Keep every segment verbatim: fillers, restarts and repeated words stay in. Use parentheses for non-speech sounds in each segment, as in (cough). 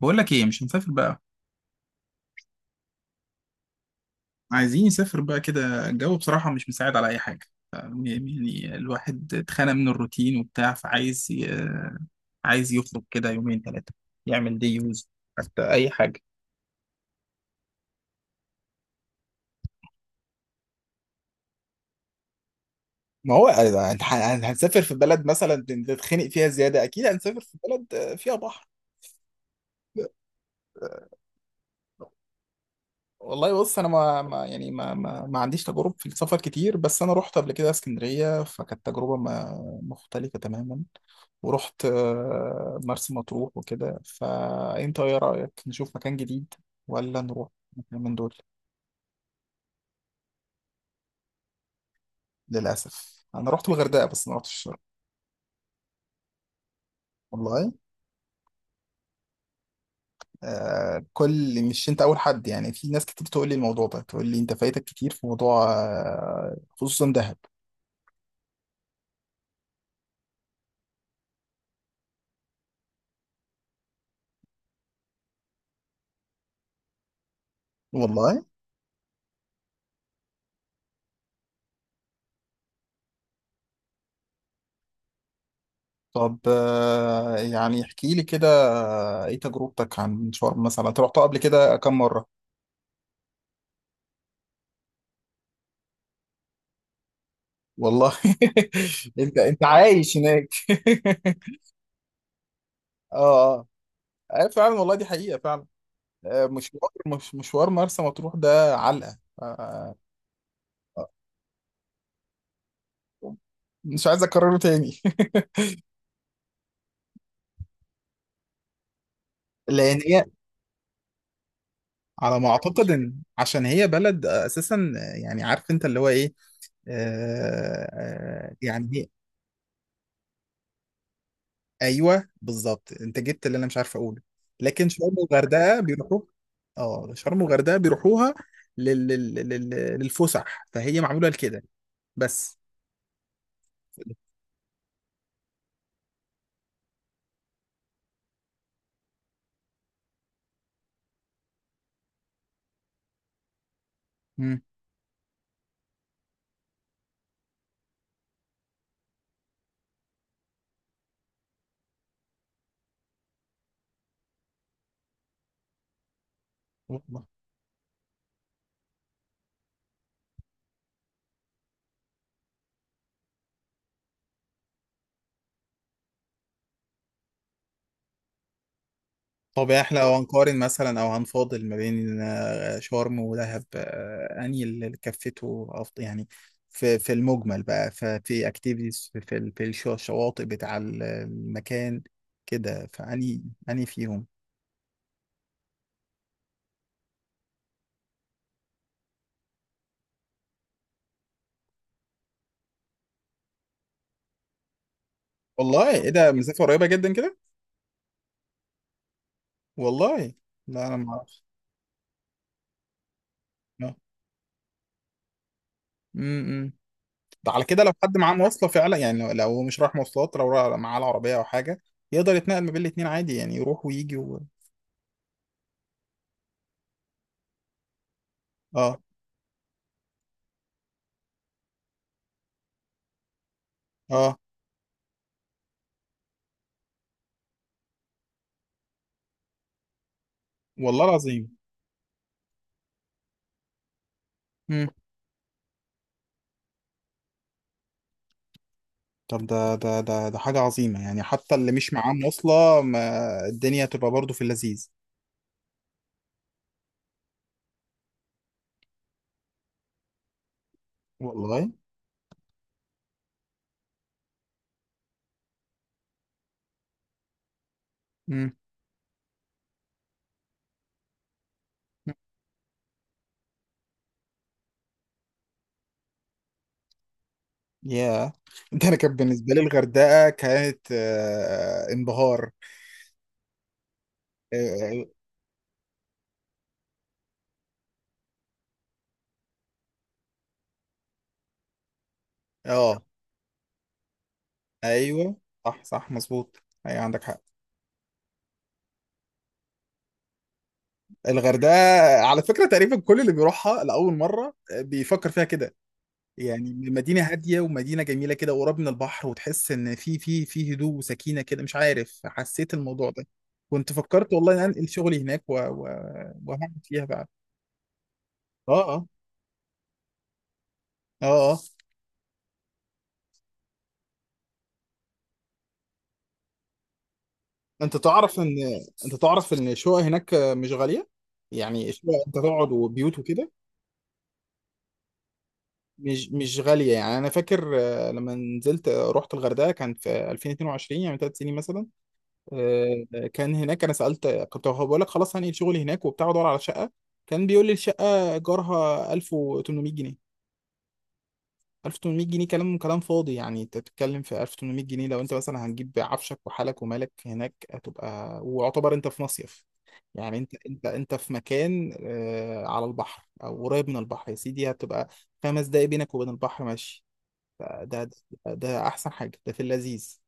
بقول لك ايه؟ مش هنسافر بقى. عايزين نسافر بقى كده، الجو بصراحة مش مساعد على اي حاجة. ف- يعني الواحد اتخانق من الروتين وبتاع، فعايز ي... عايز يخرج كده يومين ثلاثة، يعمل دي يوز، حتى اي حاجة. ما هو هن- هن- هنسافر في بلد مثلا تتخنق فيها زيادة، أكيد هنسافر في بلد فيها بحر. والله بص، انا ما, ما يعني ما, ما ما عنديش تجارب في السفر كتير، بس انا رحت قبل كده اسكندريه، فكانت تجربه ما مختلفه تماما. ورحت آه، مرسى مطروح وكده، فانت ايه رايك؟ نشوف مكان جديد ولا نروح مكان من دول؟ للاسف انا رحت الغردقه بس ما رحتش الشرق. والله. آه، كل مش انت اول حد، يعني في ناس كتير تقول لي الموضوع ده، تقول لي انت فايتك كتير في موضوع، آه، خصوصا دهب. والله. طب، آه، يعني احكي لي كده، آه، ايه تجربتك عن شرم مثلا؟ انت رحتها قبل كده كم مرة؟ والله. (laughs) انت انت عايش هناك؟ (laughs) اه، اه، آه، فعلا والله دي حقيقة فعلا. آه، مشوار، مش مشوار مرسى مطروح ده علقة. آه، آه، آه، مش عايز اكرره تاني. (laughs) لان هي على ما اعتقد ان عشان هي بلد اساسا، آه، يعني عارف انت اللي هو ايه. آه آه، يعني ايوه بالظبط، انت جبت اللي انا مش عارف اقوله. لكن شرم والغردقه بيروحوا. اه، شرم والغردقه بيروحوها لل... لل... لل... للفسح، فهي معموله لكده بس. مم. والله. طب احنا لو هنقارن مثلا او هنفاضل ما بين آه، شرم ودهب، آه، انهي اللي كفته أفضل يعني في في المجمل بقى؟ ففي اكتيفيتيز، في في ال- في الش- الشواطئ بتاع ال- المكان كده، فاني اني فيهم. والله ايه، ده مسافه قريبه جدا كده. والله، لا انا ما اعرفش. آه. امم. ده على كده لو حد معاه مواصله فعلا، يعني لو لو هو مش رايح مواصلات، لو را- معاه العربيه او حاجه، يقدر يتنقل ما بين الاتنين عادي، يعني يروح ويجي و... اه، اه، والله العظيم. امم. طب ده ده ده ده حاجه عظيمه، يعني حتى اللي مش معاه مواصله ما الدنيا تبقى برضه في اللذيذ. والله. امم. ياه. (laughs) ده انا كان بالنسبه لي الغردقه كانت آه، انبهار. اه، آه، آه. ايوه، صح صح مظبوط، ايوه عندك حق. الغردقة على فكرة تقريبا كل اللي بيروحها لأول مرة بيفكر فيها كده، يعني مدينة هادية ومدينة جميلة كده وقريب من البحر، وتحس إن في في في هدوء وسكينة كده، مش عارف حسيت الموضوع ده. كنت فكرت والله إن أنقل شغلي هناك و... و... وهعمل فيها بقى. آه، آه، آه، آه. أنت تعرف إن أنت تعرف إن الشقق هناك مش غالية، يعني الشقق أنت تقعد وبيوت وكده مش مش غالية. يعني أنا فاكر، آه، لما نزلت، آه، رحت الغردقة كان في الفين واتنين وعشرين، يعني ثلاث سنين مثلا. آه، كان هناك انا سالت، كنت بقول لك خلاص هنقل شغلي هناك وبتاع، وادور على شقه، كان بيقول لي الشقه ايجارها الف وتمنمية جنيه. الف وتمنمية جنيه، كلام كلام فاضي، يعني انت بتتكلم في الف وتمنمية جنيه؟ لو انت مثلا هنجيب عفشك وحالك ومالك هناك، هتبقى ويعتبر انت في مصيف. يعني انت انت انت في مكان، آه، على البحر او قريب من البحر، يا سيدي، هتبقى خمس دقايق بينك وبين البحر ماشي. ده ده ده, ده احسن حاجه، ده في اللذيذ.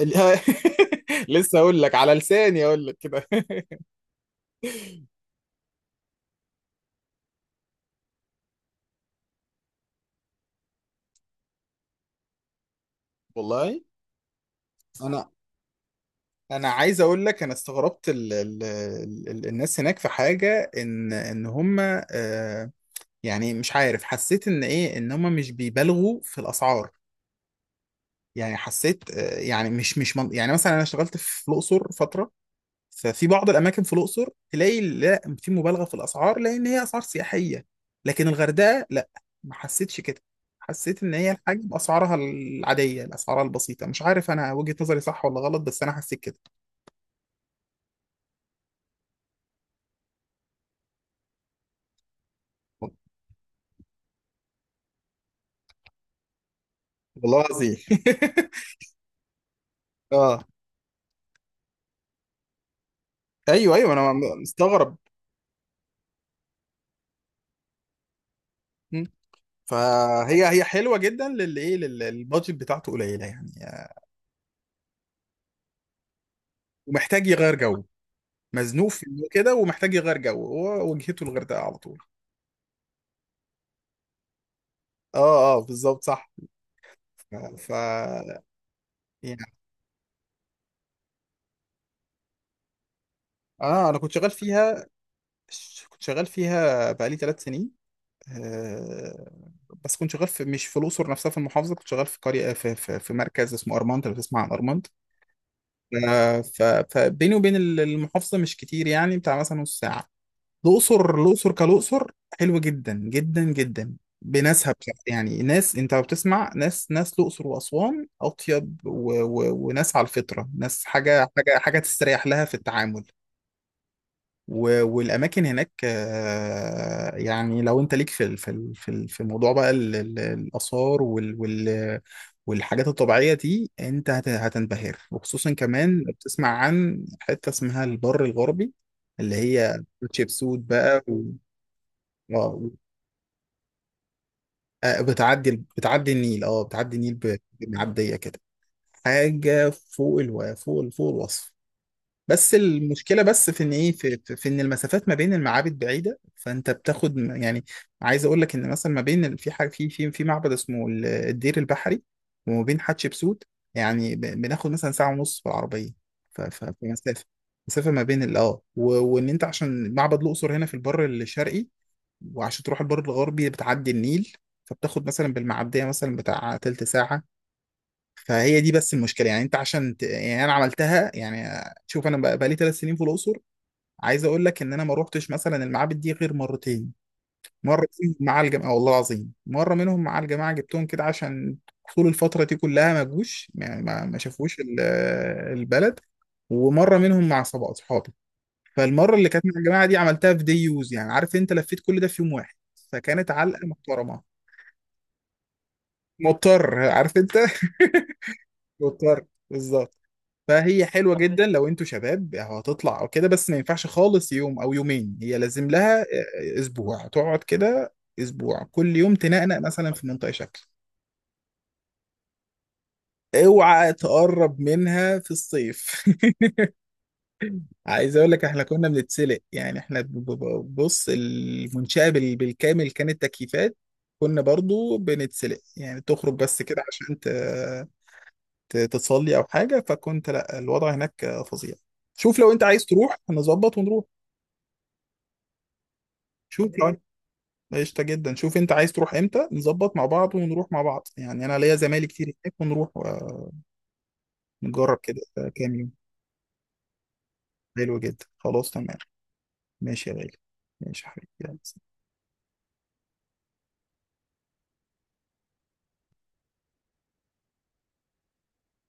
ال- (laughs) لسه اقول لك، على لساني اقول لك كده. (laughs) والله. انا انا عايز اقول لك، انا استغربت ال ال ال الناس هناك، في حاجه ان ان هم، آه يعني مش عارف حسيت ان ايه، ان هم مش بيبالغوا في الاسعار. يعني حسيت آه يعني مش مش من يعني مثلا انا اشتغلت في الاقصر فتره، ففي بعض الاماكن في الاقصر تلاقي لا، في مبالغه في الاسعار لان هي اسعار سياحيه. لكن الغردقه لا، ما حسيتش كده. حسيت ان هي الحاجه باسعارها العاديه، الاسعار البسيطه، مش عارف انا وجهه نظري صح ولا غلط، بس انا حسيت كده. والله العظيم. (laughs) اه، ايوه ايوه انا م- مستغرب. م. فهي هي حلوه جدا للي ايه، لل- البادجت بتاعته قليله يعني. ومحتاج يغير جو، مزنوق في إنه كده ومحتاج يغير جو، هو وجهته الغردقه على طول. اه، اه بالظبط صح. ف, ف... يعني انا انا كنت شغال فيها، كنت شغال فيها بقالي ثلاث سنين. آه، بس كنت شغال في، مش في الاقصر نفسها، في المحافظه، كنت شغال في قريه في في, في مركز اسمه ارمنت، لو تسمع عن ارمنت. آه، ف- فبيني وبين ال- المحافظة مش كتير، يعني بتاع مثلا نص ساعة. الأقصر، الأقصر كالأقصر، حلوة جدا جدا جدا بناسها بصراحة. يعني ناس، أنت بتسمع ناس، ناس الأقصر وأسوان أطيب و... و... وناس على الفطرة، ناس حاجة حاجة حاجة تستريح لها في التعامل. و- والاماكن هناك، آه، يعني لو انت ليك في ال- في ال- في ال- في موضوع بقى ال- ال- الاثار وال وال والحاجات الطبيعيه دي، انت هت- هتنبهر، وخصوصا كمان بتسمع عن حته اسمها البر الغربي، اللي هي تشيبسوت بقى و... آه، آه، بتعدي، بتعدي النيل، اه بتعدي النيل ب- بمعديه كده، حاجه فوق الو... فوق فوق الوصف. بس المشكله بس في ان ايه، في, في, في ان المسافات ما بين المعابد بعيده، فانت بتاخد م- يعني عايز اقول لك ان مثلا ما بين ال- في حاجه في في في معبد اسمه ال- الدير البحري، وما بين حتشبسوت، يعني ب- بناخد مثلا ساعه ونص بالعربيه. ف- ف- في مسافه، مسافه ما بين ال- اه و- وان انت عشان معبد الاقصر هنا في البر الشرقي، وعشان تروح البر الغربي بتعدي النيل، فبتاخد مثلا بالمعديه مثلا بتاع تلت ساعه. فهي دي بس المشكله، يعني انت عشان ت... يعني انا عملتها، يعني شوف، انا بقى لي ثلاث سنين في الاقصر، عايز اقول لك ان انا ما روحتش مثلا المعابد دي غير مرتين. مره فيهم مع الجماعه، والله العظيم مره منهم مع الجماعه جبتهم كده عشان طول الفتره دي كلها ما جوش، يعني ما, ما شافوش ال- البلد. ومره منهم مع صبا- اصحابي. فالمره اللي كانت مع الجماعه دي عملتها في دي يوز، يعني عارف انت لفيت كل ده في يوم واحد، فكانت علقه محترمه. مضطر عارف انت. (laughs) مضطر بالظبط. فهي حلوة جدا لو انتوا شباب، هتطلع او كده، بس ما ينفعش خالص يوم او يومين، هي لازم لها آه، آه، اسبوع تقعد كده، اسبوع كل يوم تنقنق مثلا في منطقة شكل. اوعى تقرب منها في الصيف. (laughs) عايز اقول لك، احنا كنا بنتسلق، يعني احنا ب- ب- ب- بص، المنشأة بال- بالكامل كانت تكييفات، كنا برضو بنتسلق، يعني تخرج بس كده عشان ت- ت- تصلي او حاجة، فكنت لا، الوضع هناك فظيع. شوف لو انت عايز تروح هنظبط ونروح. شوف لو انت قشطة جدا، شوف انت عايز تروح امتى، نظبط مع بعض ونروح مع بعض، يعني انا ليا زمايلي كتير هناك، ونروح ونجرب كده آه، كام يوم. حلو جدا، خلاص تمام. ماشي يا غالي. ماشي يا حبيبي، يلا.